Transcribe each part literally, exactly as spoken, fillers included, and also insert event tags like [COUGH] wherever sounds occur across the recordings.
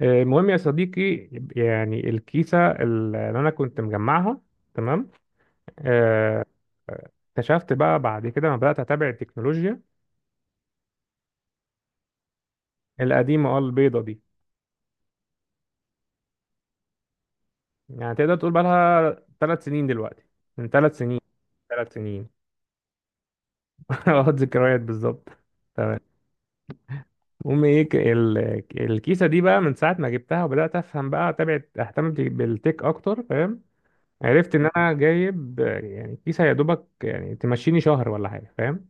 آه، المهم يا صديقي، يعني الكيسة اللي أنا كنت مجمعها. تمام. آه، اكتشفت بقى بعد كده لما بدأت أتابع التكنولوجيا. القديمة اه البيضة دي، يعني تقدر تقول بقى لها ثلاث سنين دلوقتي. من ثلاث سنين، ثلاث سنين. [LAUGHS] اه، ذكريات بالظبط. المهم ايه، ك- ال- الكيسة دي بقى من ساعة ما جبتها وبدأت أفهم بقى أتابع أهتم بالتك أكتر، فاهم؟ عرفت إن أنا جايب آه، يعني كيسة يا دوبك، يعني تمشيني شهر ولا حاجة، فاهم؟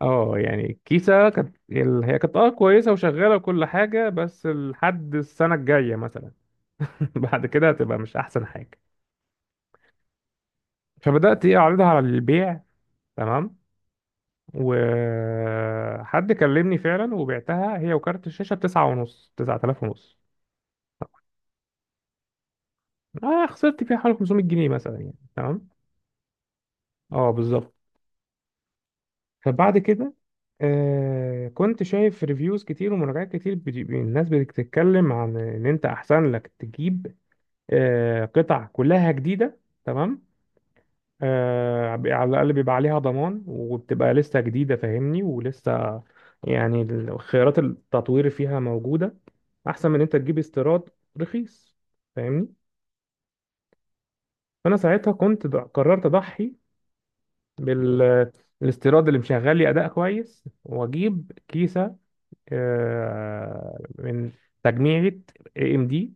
اه يعني كيسة كانت ال- هي كانت اه كويسة وشغالة وكل حاجة، بس لحد السنة الجاية مثلا. [LAUGHS] بعد كده هتبقى مش أحسن حاجة. فبدأت ايه، أعرضها على البيع. تمام. وحد كلمني فعلا وبعتها هي وكارت الشاشة بتسعة ونص، تسعة آلاف ونص. أنا خسرت فيها حوالي خمسميت جنيه مثلا يعني، تمام. اه بالظبط. فبعد كده آه كنت شايف ريفيوز كتير ومراجعات كتير، بت- الناس بتتكلم عن ان انت احسن لك تجيب آه، قطع كلها جديدة. تمام. آه، بي- على الأقل بيبقى عليها ضمان وبتبقى لسه جديدة، فاهمني؟ ولسه يعني ال- خيارات التطوير فيها موجودة، أحسن من إن أنت تجيب استيراد رخيص، فاهمني؟ فأنا ساعتها كنت ض- قررت أضحي بالاستيراد اللي مشغل لي أداء كويس، وأجيب كيسة آه، من تجميعة اي ام دي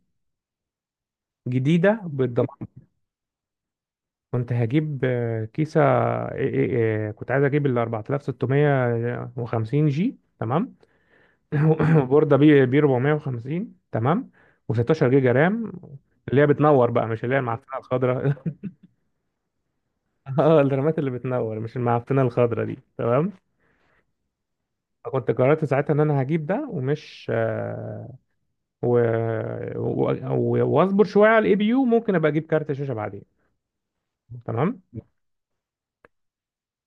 جديدة بالضمان. كنت هجيب آه، كيسة. إيه- إيه- إيه، كنت عايز اجيب ال اربعة آلاف وستمية وخمسين جي، تمام. [LAUGHS] وبوردة بي بي اربعمية وخمسين، تمام. و16 جيجا رام، اللي هي بتنور بقى، مش اللي هي المعفنة الخضراء. [LAUGHS] اه الرامات اللي بتنور، مش المعفنة الخضراء دي، تمام. فكنت قررت ساعتها ان انا هجيب ده ومش آه، و... و... و... واصبر شوية على الاي بي يو، ممكن ابقى اجيب كارت شاشة بعدين. تمام.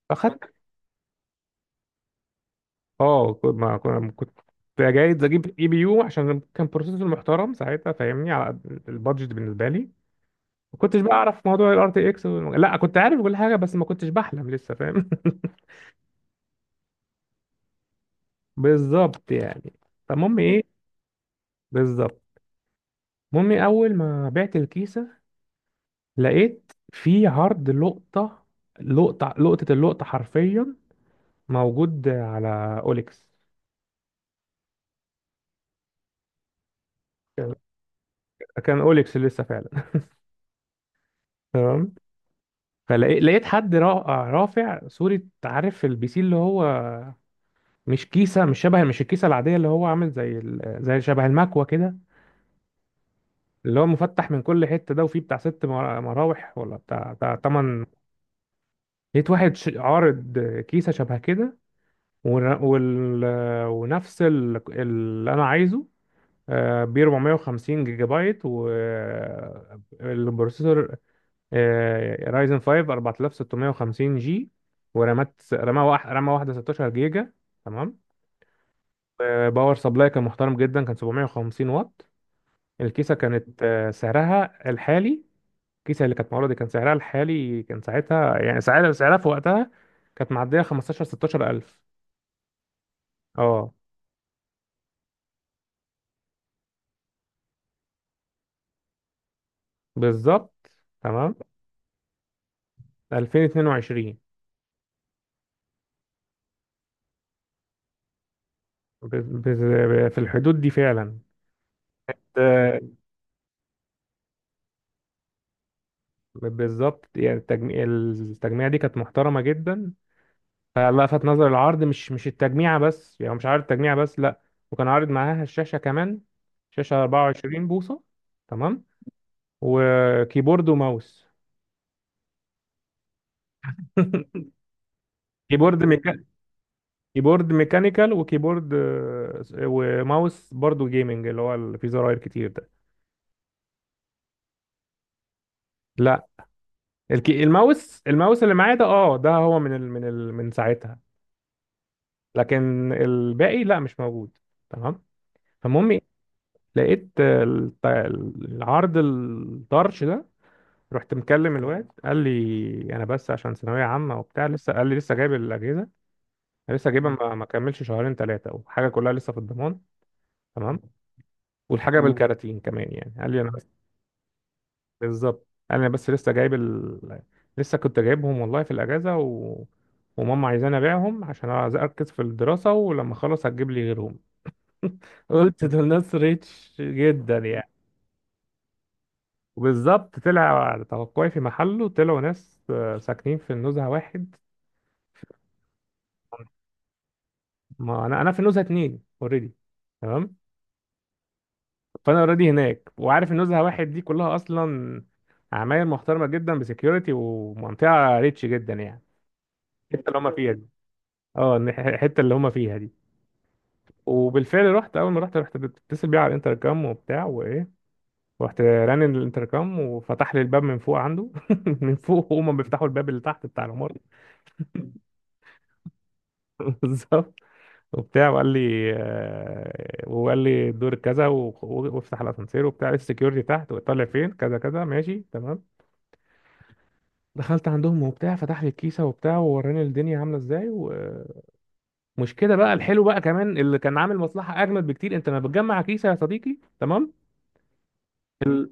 فاخدت اه كنت- ما كنا- كنت جايز اجيب اي بي يو عشان كان بروسيسور محترم ساعتها، فاهمني، على قد البادجت بالنسبه لي. ما كنتش بقى اعرف موضوع الار تي اكس، لا كنت عارف كل حاجه بس ما كنتش بحلم لسه، فاهم؟ [LAUGHS] بالظبط يعني، فالمهم ايه؟ بالظبط. المهم إيه؟ اول ما بعت الكيسه لقيت في عرض لقطه، لقطه لقطه، اللقطه حرفيا موجود على اوليكس. كان كان اوليكس لسه فعلا. [LAUGHS] تمام. فلقيت حد را- رافع صورة، عارف البي سي اللي هو مش كيسة، مش شبه، مش الكيسة العادية، اللي هو عامل زي ال- زي شبه المكوة كده، اللي هو مفتح من كل حتة ده، وفيه بتاع ست مرا- مراوح ولا بتاع بتاع تمن. لقيت واحد ش- عارض كيسة شبه كده، ور- وال... ونفس ال- اللي أنا عايزه، ب اربعمية وخمسين جيجا بايت، والبروسيسور رايزن خمسة اربعة آلاف وستمية وخمسين جي، ورامات رامة واحدة رامة واحدة ستاشر جيجا، تمام. آه، باور سبلاي كان محترم جدا، كان سبعمية وخمسين واط. الكيسة كانت آه، سعرها الحالي، الكيسة اللي كانت معروضة دي كان سعرها الحالي كان ساعتها يعني، سعرها سعرها في وقتها، كانت معدية خمستاشر، ستاشر ألف. اه بالظبط. تمام. الفين واتنين وعشرين. ب- ب- في الحدود دي فعلا. آه، بالظبط يعني، التجميع، التجميع دي كانت محترمة جدا. فلفت نظر العرض، مش مش التجميعة بس، يعني هو مش عارض التجميعة بس، لا، وكان عارض معاها الشاشة كمان. شاشة اربعه وعشرين بوصة، تمام. وكيبورد وماوس. [LAUGHS] كيبورد ميكا... كيبورد ميكانيكال، وكيبورد آه، وماوس برضو جيمنج، اللي هو اللي فيه زراير كتير ده. لا، الكي... الماوس الماوس اللي معايا ده اه، ده هو من ال... من ال... من ساعتها. لكن الباقي لا مش موجود، تمام. فالمهم إيه؟ لقيت آه، الت- العرض الطرش ده، رحت مكلم الواد قال لي، انا بس عشان ثانويه عامه وبتاع لسه، قال لي لسه جايب الاجهزه، أنا لسه جايبها، مم. ما ما كملش شهرين ثلاثه، وحاجه كلها لسه في الضمان، تمام. والحاجه مم. بالكراتين كمان يعني، قال لي انا بس، بالظبط، قال لي انا بس لسه جايب ال... لسه كنت جايبهم والله في الاجازه و... وماما عايزاني ابيعهم عشان عايز اركز في الدراسه، ولما اخلص هتجيب لي غيرهم. [LAUGHS] قلت دول ناس ريتش جدا يعني. وبالظبط طلع على توقعي في محله، طلعوا ناس آه، ساكنين في النزهه واحد. ما انا انا في نزهه اتنين اوريدي، تمام. فانا اوريدي هناك، وعارف النزهه واحد دي كلها اصلا عماير محترمه جدا بسكيورتي، ومنطقه ريتش جدا يعني. الحته اللي هم فيها دي، اه النح- الحته اللي هم فيها دي. وبالفعل رحت، اول ما رحت، رحت بتصل بيه على الانتركام وبتاع وايه، رحت رن الانتركام وفتح لي الباب من فوق عنده. [LAUGHS] من فوق هما بيفتحوا الباب اللي تحت بتاع العمارة. [LAUGHS] بالظبط. وبتاع وقال لي آه، وقال لي الدور كذا و- و- وافتح الاسانسير وبتاع، السكيورتي تحت وطلع فين كذا كذا، ماشي تمام. دخلت عندهم وبتاع، فتح لي الكيسه وبتاع، ووراني الدنيا عامله ازاي، ومش كده بقى. الحلو بقى كمان اللي كان عامل مصلحه اجمد بكتير، انت لما بتجمع كيسه يا صديقي، تمام،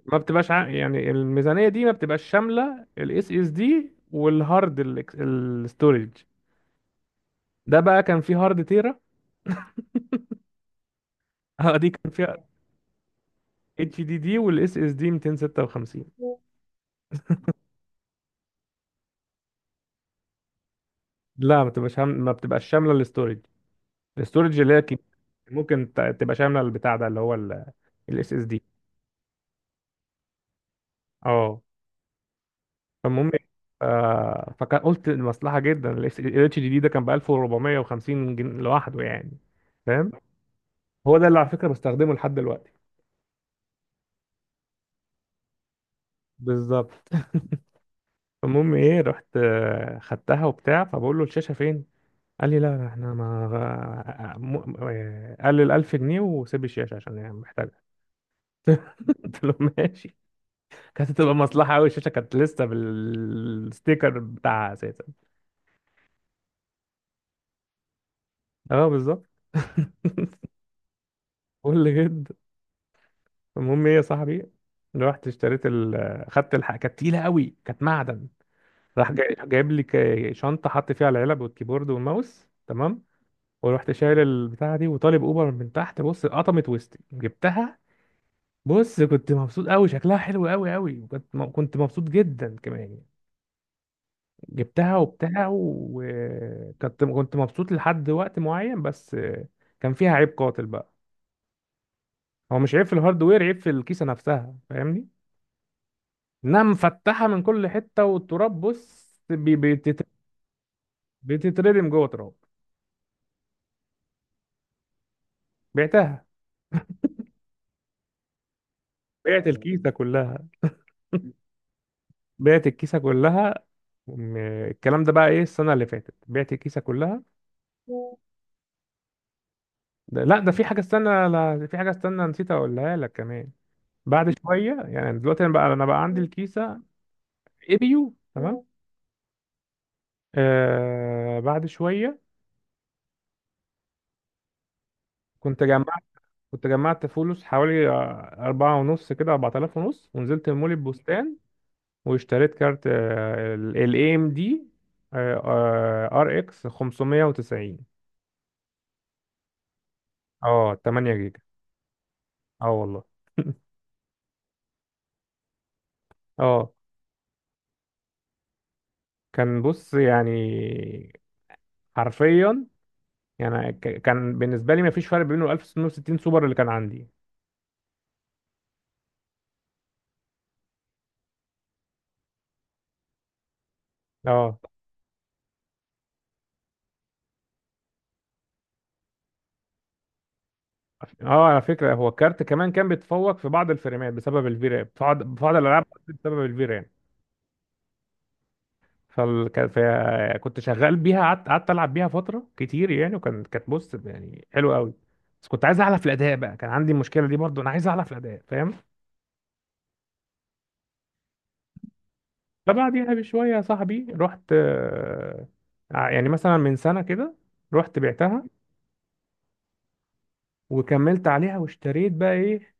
ما بتبقاش ع- يعني الميزانيه دي ما بتبقاش شامله الاس اس دي والهارد، الاستورج. ده بقى كان فيه هارد تيرا. [LAUGHS] اه دي كان فيها اتش دي دي والاس اس دي ميتين ستة وخمسين. لا، ما بتبقاش هم... ما بتبقاش شامله الاستورج، الاستورج اللي هي كبيرة. ممكن ت- تبقى شامله البتاع ده اللي هو الاس اس دي. اه فالمهم إيه؟ آه فكان قلت مصلحه جدا، الاتش دي دي ده كان ب الف واربعمية وخمسين جنيه لوحده يعني، فاهم؟ هو ده اللي على فكره بستخدمه لحد دلوقتي. بالظبط. [LAUGHS] المهم ايه، رحت آه، خدتها وبتاع، فبقول له الشاشه فين، قال لي لا لا، احنا ما غ- م- آه، قال لي ال الف جنيه وسيب الشاشه عشان يعني محتاجها. [LAUGHS] قلت له ماشي. كانت هتبقى مصلحة أوي، الشاشة كانت لسه بالستيكر بتاعها أساسا. اه بالظبط. [LAUGHS] قول جد. المهم ايه يا صاحبي، رحت اشتريت ال آه، خدت الحق، كانت تقيلة أوي، كانت معدن. راح جاي- جايب لي ك- شنطة، حط فيها العلب والكيبورد والماوس، تمام. ورحت شايل البتاعة دي وطالب أوبر من تحت، بص قطمت وسطي جبتها. بص كنت مبسوط أوي، شكلها حلو أوي أوي، وكنت م- كنت مبسوط جدا كمان. جبتها وبتاع، وكنت كنت مبسوط لحد وقت معين، بس كان فيها عيب قاتل بقى. هو مش عيب في الهاردوير، عيب في الكيسة نفسها، فاهمني؟ انها مفتحة من كل حتة والتراب، بص بي- بيتت- بتتردم جوه تراب. بعتها، بعت الكيسة كلها. [LAUGHS] بعت الكيسة كلها. م- الكلام ده بقى ايه السنة اللي فاتت، بعت الكيسة كلها. ده لا، ده في حاجة استنى، لا في حاجة استنى، نسيت اقولها لك كمان. بعد شوية، يعني دلوقتي انا بقى انا بقى عندي الكيسة ابيو، تمام. آه بعد شويه كنت جمعت، كنت جمعت فلوس حوالي آه، أربعة ونص كده، أربعة آلاف ونص، ونزلت مول البستان واشتريت كارت آه، ال ام دي ار اكس خمسمية وتسعين. اه تمن جيجا. اه والله. اه كان بص يعني، حرفيا يعني، ك- كان بالنسبه لي ما فيش فرق بينه ستاشر ستين سوبر اللي كان عندي. اه، اه، على فكره هو الكارت كمان كان بيتفوق في بعض الفريمات بسبب الفيران، في بعض في بعض الالعاب بسبب الفيران. فال... كان- ف- كنت شغال بيها، قعدت قعدت العب بيها فتره كتير يعني، وكان كانت بص يعني حلوه قوي. بس كنت عايز اعلى في الاداء بقى، كان عندي المشكله دي برضو، انا عايز اعلى في الاداء، فاهم؟ فبعديها بشويه يا صاحبي، رحت آه، يعني مثلا من سنه كده رحت بعتها، وكملت عليها واشتريت بقى ايه،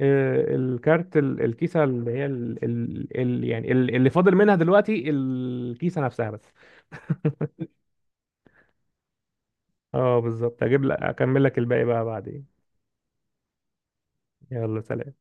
آه، الكارت ال- الكيسه اللي هي ال ال ال يعني ال- اللي فاضل منها دلوقتي الكيسه نفسها بس. اه بالظبط، هجيب لك اكمل لك الباقي بقى بعدين. يلا سلام.